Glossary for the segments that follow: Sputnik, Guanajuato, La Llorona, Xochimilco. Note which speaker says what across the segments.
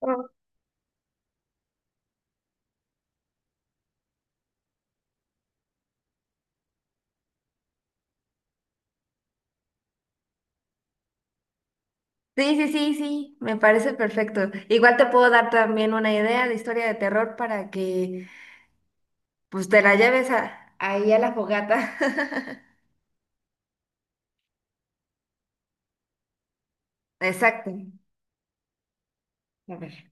Speaker 1: Oh. Sí, sí, sí, sí, me parece perfecto. Igual te puedo dar también una idea de historia de terror para que pues te la lleves a, ahí a la fogata. Exacto. A ver.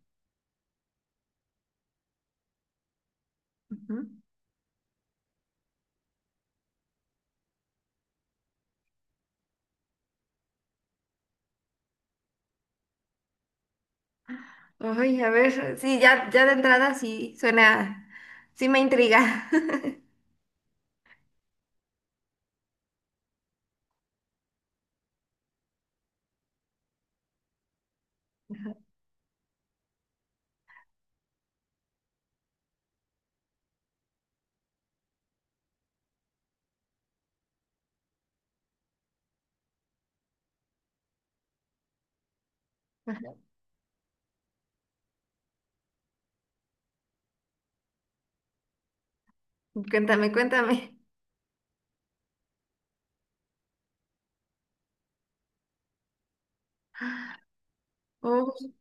Speaker 1: Ujú. Ay, a ver, sí, ya, ya de entrada sí suena, sí me intriga. Cuéntame, cuéntame. Oh,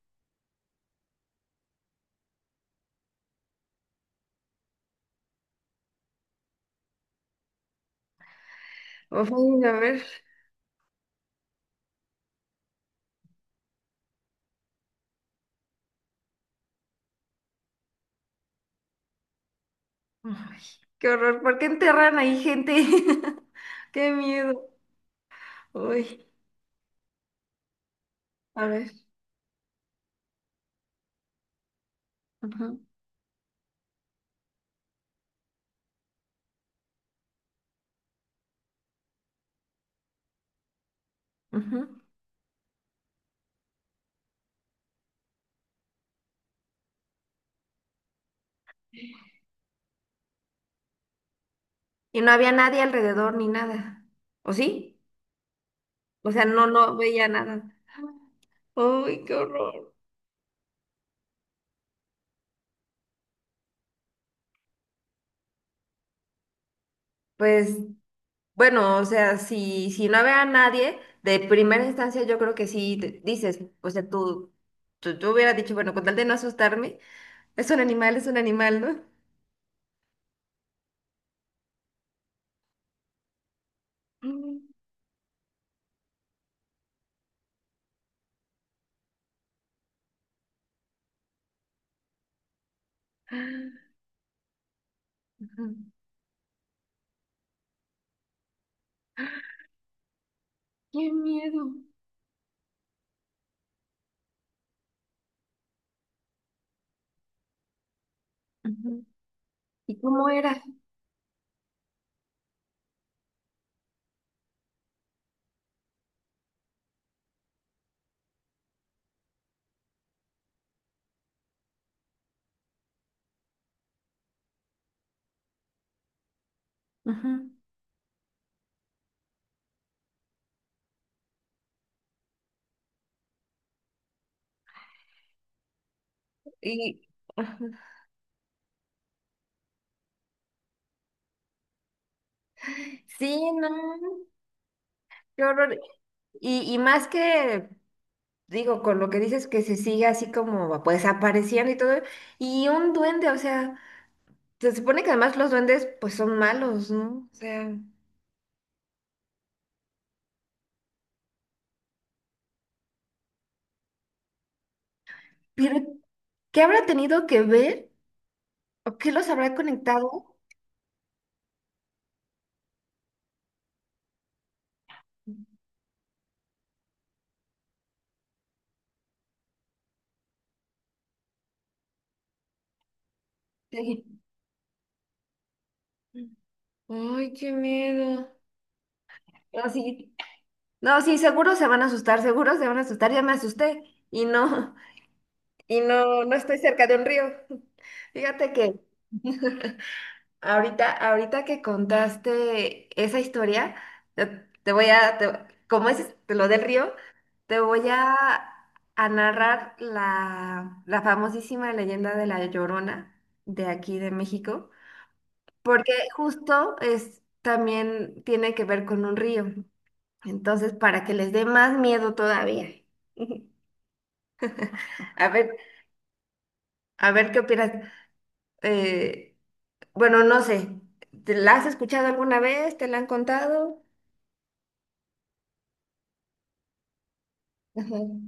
Speaker 1: ay, a ver. Ay, qué horror, ¿por qué enterran ahí gente? Qué miedo. Uy, a ver. Ujú, ujú. Y no había nadie alrededor ni nada. ¿O sí? O sea, no, no veía nada. ¡Ay, qué horror! Pues, bueno, o sea, si no había nadie, de primera instancia yo creo que sí te- dices, o sea, tú hubieras dicho, bueno, con tal de no asustarme, es un animal, ¿no? Mm. Ajá. ¡Qué miedo! Ujú. ¿Y cómo era? Ujú. Y, ajá. Sí, no, qué horror. Y más que Digo, con lo que dices que se sigue así como pues apareciendo y todo, y un duende, o sea, se supone que además los duendes pues son malos, ¿no? O sea, pero ¿qué habrá tenido que ver o qué los habrá conectado? Sí. Ay, qué miedo. No, sí, no, sí, seguro se van a asustar, seguro se van a asustar, ya me asusté y no, y no, no estoy cerca de un río. Fíjate que... Ahorita, ahorita que contaste esa historia, te, te voy a, te- como es te lo del río, te voy a narrar la, la famosísima leyenda de la Llorona de aquí de México, porque justo es, también tiene que ver con un río. Entonces, para que les dé más miedo todavía. A ver, a ver qué opinas. Eh, bueno, no sé, ¿te la has escuchado alguna vez? ¿Te la han contado? Ujú.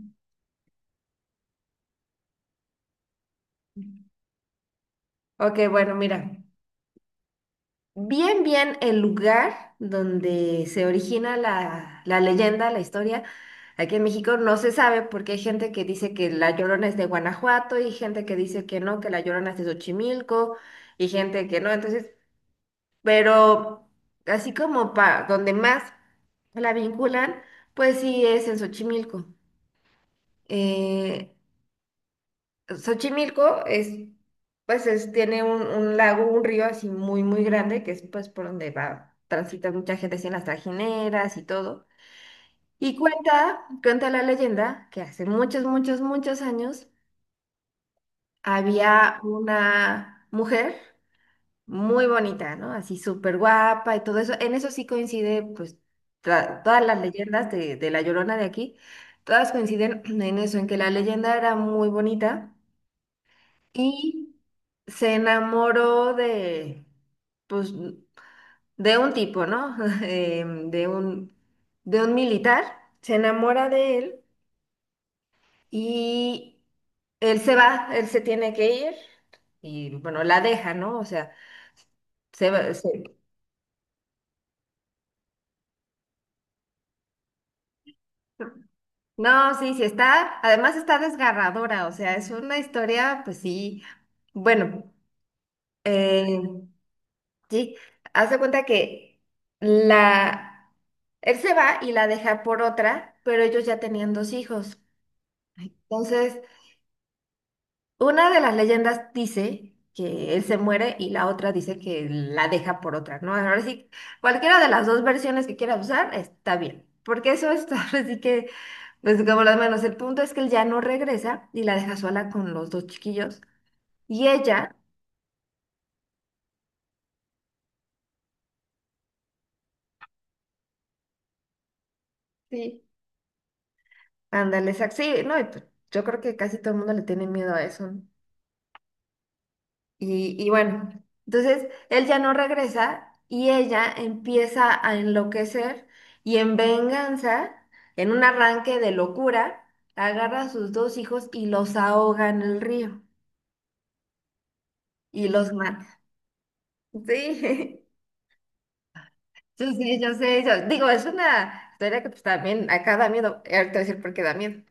Speaker 1: Ok, bueno, mira, bien, bien el lugar donde se origina la, la leyenda, la historia, aquí en México no se sabe porque hay gente que dice que La Llorona es de Guanajuato y gente que dice que no, que La Llorona es de Xochimilco y gente que no, entonces, pero así como para donde más la vinculan, pues sí es en Xochimilco. Eh, Xochimilco es, pues es, tiene un lago, un río así muy, muy grande, que es pues por donde va, transita mucha gente así en las trajineras y todo. Y cuenta, cuenta la leyenda que hace muchos, muchos, muchos años había una mujer muy bonita, ¿no? Así súper guapa y todo eso. En eso sí coincide, pues, tra- todas las leyendas de la Llorona de aquí, todas coinciden en eso, en que la leyenda era muy bonita. Y se enamoró de, pues, de un tipo, ¿no? Em, De un, de un militar. Se enamora de él y él se va, él se tiene que ir y, bueno, la deja, ¿no? O sea, se va, se-. No, sí, sí está, además está desgarradora, o sea, es una historia, pues sí, bueno, eh, sí, haz de cuenta que la... Él se va y la deja por otra, pero ellos ya tenían dos hijos. Entonces, una de las leyendas dice que él se muere y la otra dice que la deja por otra, ¿no? Ahora sí, cualquiera de las dos versiones que quiera usar está bien, porque eso es ahora sí que, pues como las manos, el punto es que él ya no regresa y la deja sola con los dos chiquillos. Y ella, sí, ándale, exacto, sí, no, y pues, yo creo que casi todo el mundo le tiene miedo a eso, ¿no? Y bueno, entonces él ya no regresa y ella empieza a enloquecer y en venganza, en un arranque de locura, agarra a sus dos hijos y los ahoga en el río y los mata. Sí, yo sé, yo sé, yo- digo, es una historia que pues también acá da miedo, ahorita voy a decir por qué da miedo.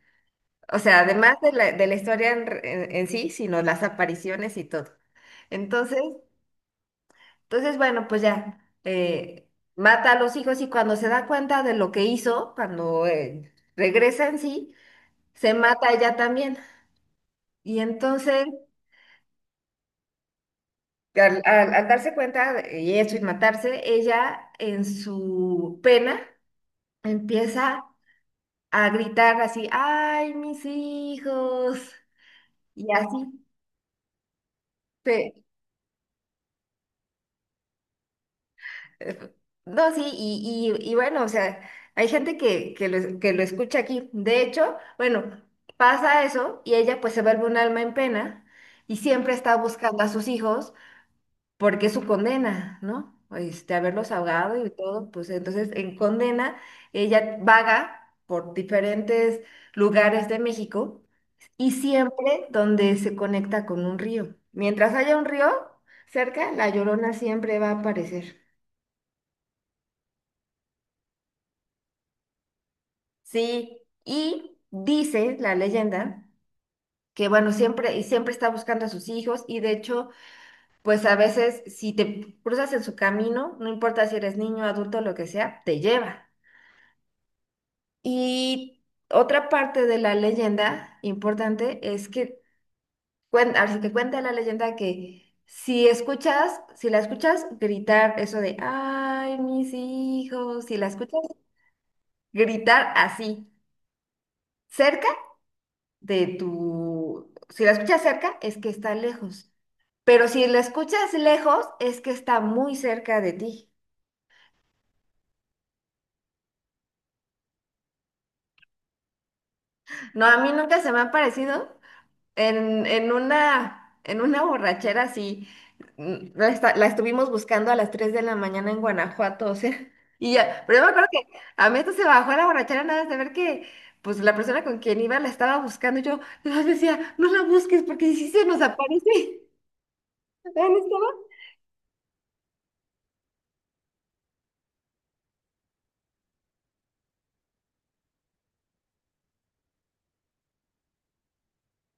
Speaker 1: O sea, además de la historia en, en sí, sino las apariciones y todo. Entonces, entonces, bueno, pues ya, eh, mata a los hijos y cuando se da cuenta de lo que hizo, cuando regresa en sí, se mata ella también. Y entonces, al, al- al darse cuenta de- y eso y matarse, ella en su pena empieza a gritar así, ¡ay, mis hijos! Y así. Eh, No, sí, y bueno, o sea, hay gente que lo escucha aquí. De hecho, bueno, pasa eso y ella pues se vuelve un alma en pena y siempre está buscando a sus hijos porque es su condena, ¿no? Este, haberlos ahogado y todo, pues entonces en condena ella vaga por diferentes lugares de México y siempre donde se conecta con un río. Mientras haya un río cerca, la Llorona siempre va a aparecer. Sí, y dice la leyenda que bueno, siempre y siempre está buscando a sus hijos y de hecho, pues a veces si te cruzas en su camino, no importa si eres niño, adulto, lo que sea, te lleva. Y otra parte de la leyenda importante es que cuen- así que cuenta la leyenda que si escuchas, si la escuchas gritar eso de, ay, mis hijos, si la escuchas gritar así, cerca de tu... Si la escuchas cerca, es que está lejos. Pero si la escuchas lejos, es que está muy cerca de ti. No, a mí nunca se me ha parecido en, en una borrachera así. La, esta- la estuvimos buscando a las 3 de la mañana en Guanajuato, o sea. Y ya, pero yo me acuerdo que a mí esto se bajó a la borrachera nada más de ver que pues la persona con quien iba la estaba buscando. Yo nada más decía, no la busques porque si se nos aparece. ¿Dónde estaba?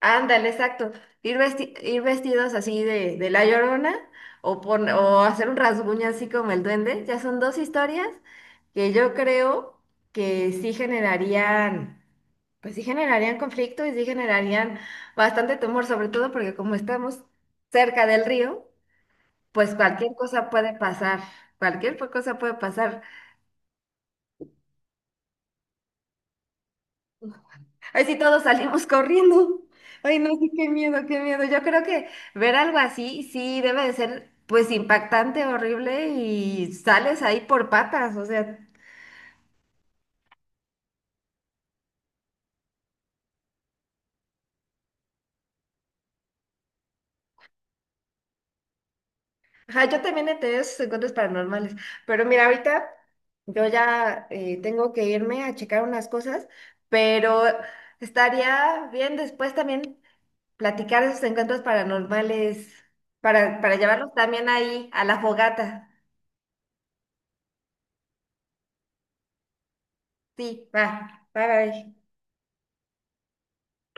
Speaker 1: Ándale, exacto. Ir, vesti- ir vestidos así de La Llorona o, pon- o hacer un rasguño así como el duende. Ya son dos historias que yo creo que sí generarían, pues sí generarían conflicto y sí generarían bastante temor, sobre todo porque como estamos cerca del río, pues cualquier cosa puede pasar. Cualquier cosa puede pasar. Ay, sí, todos salimos corriendo. Ay, no, sí, qué miedo, qué miedo. Yo creo que ver algo así, sí, debe de ser, pues, impactante, horrible y sales ahí por patas, o sea. Ajá, yo también he tenido esos encuentros paranormales, pero mira, ahorita yo ya tengo que irme a checar unas cosas, pero estaría bien después también platicar esos encuentros paranormales para llevarlos también ahí a la fogata. Sí, va, bye, bye.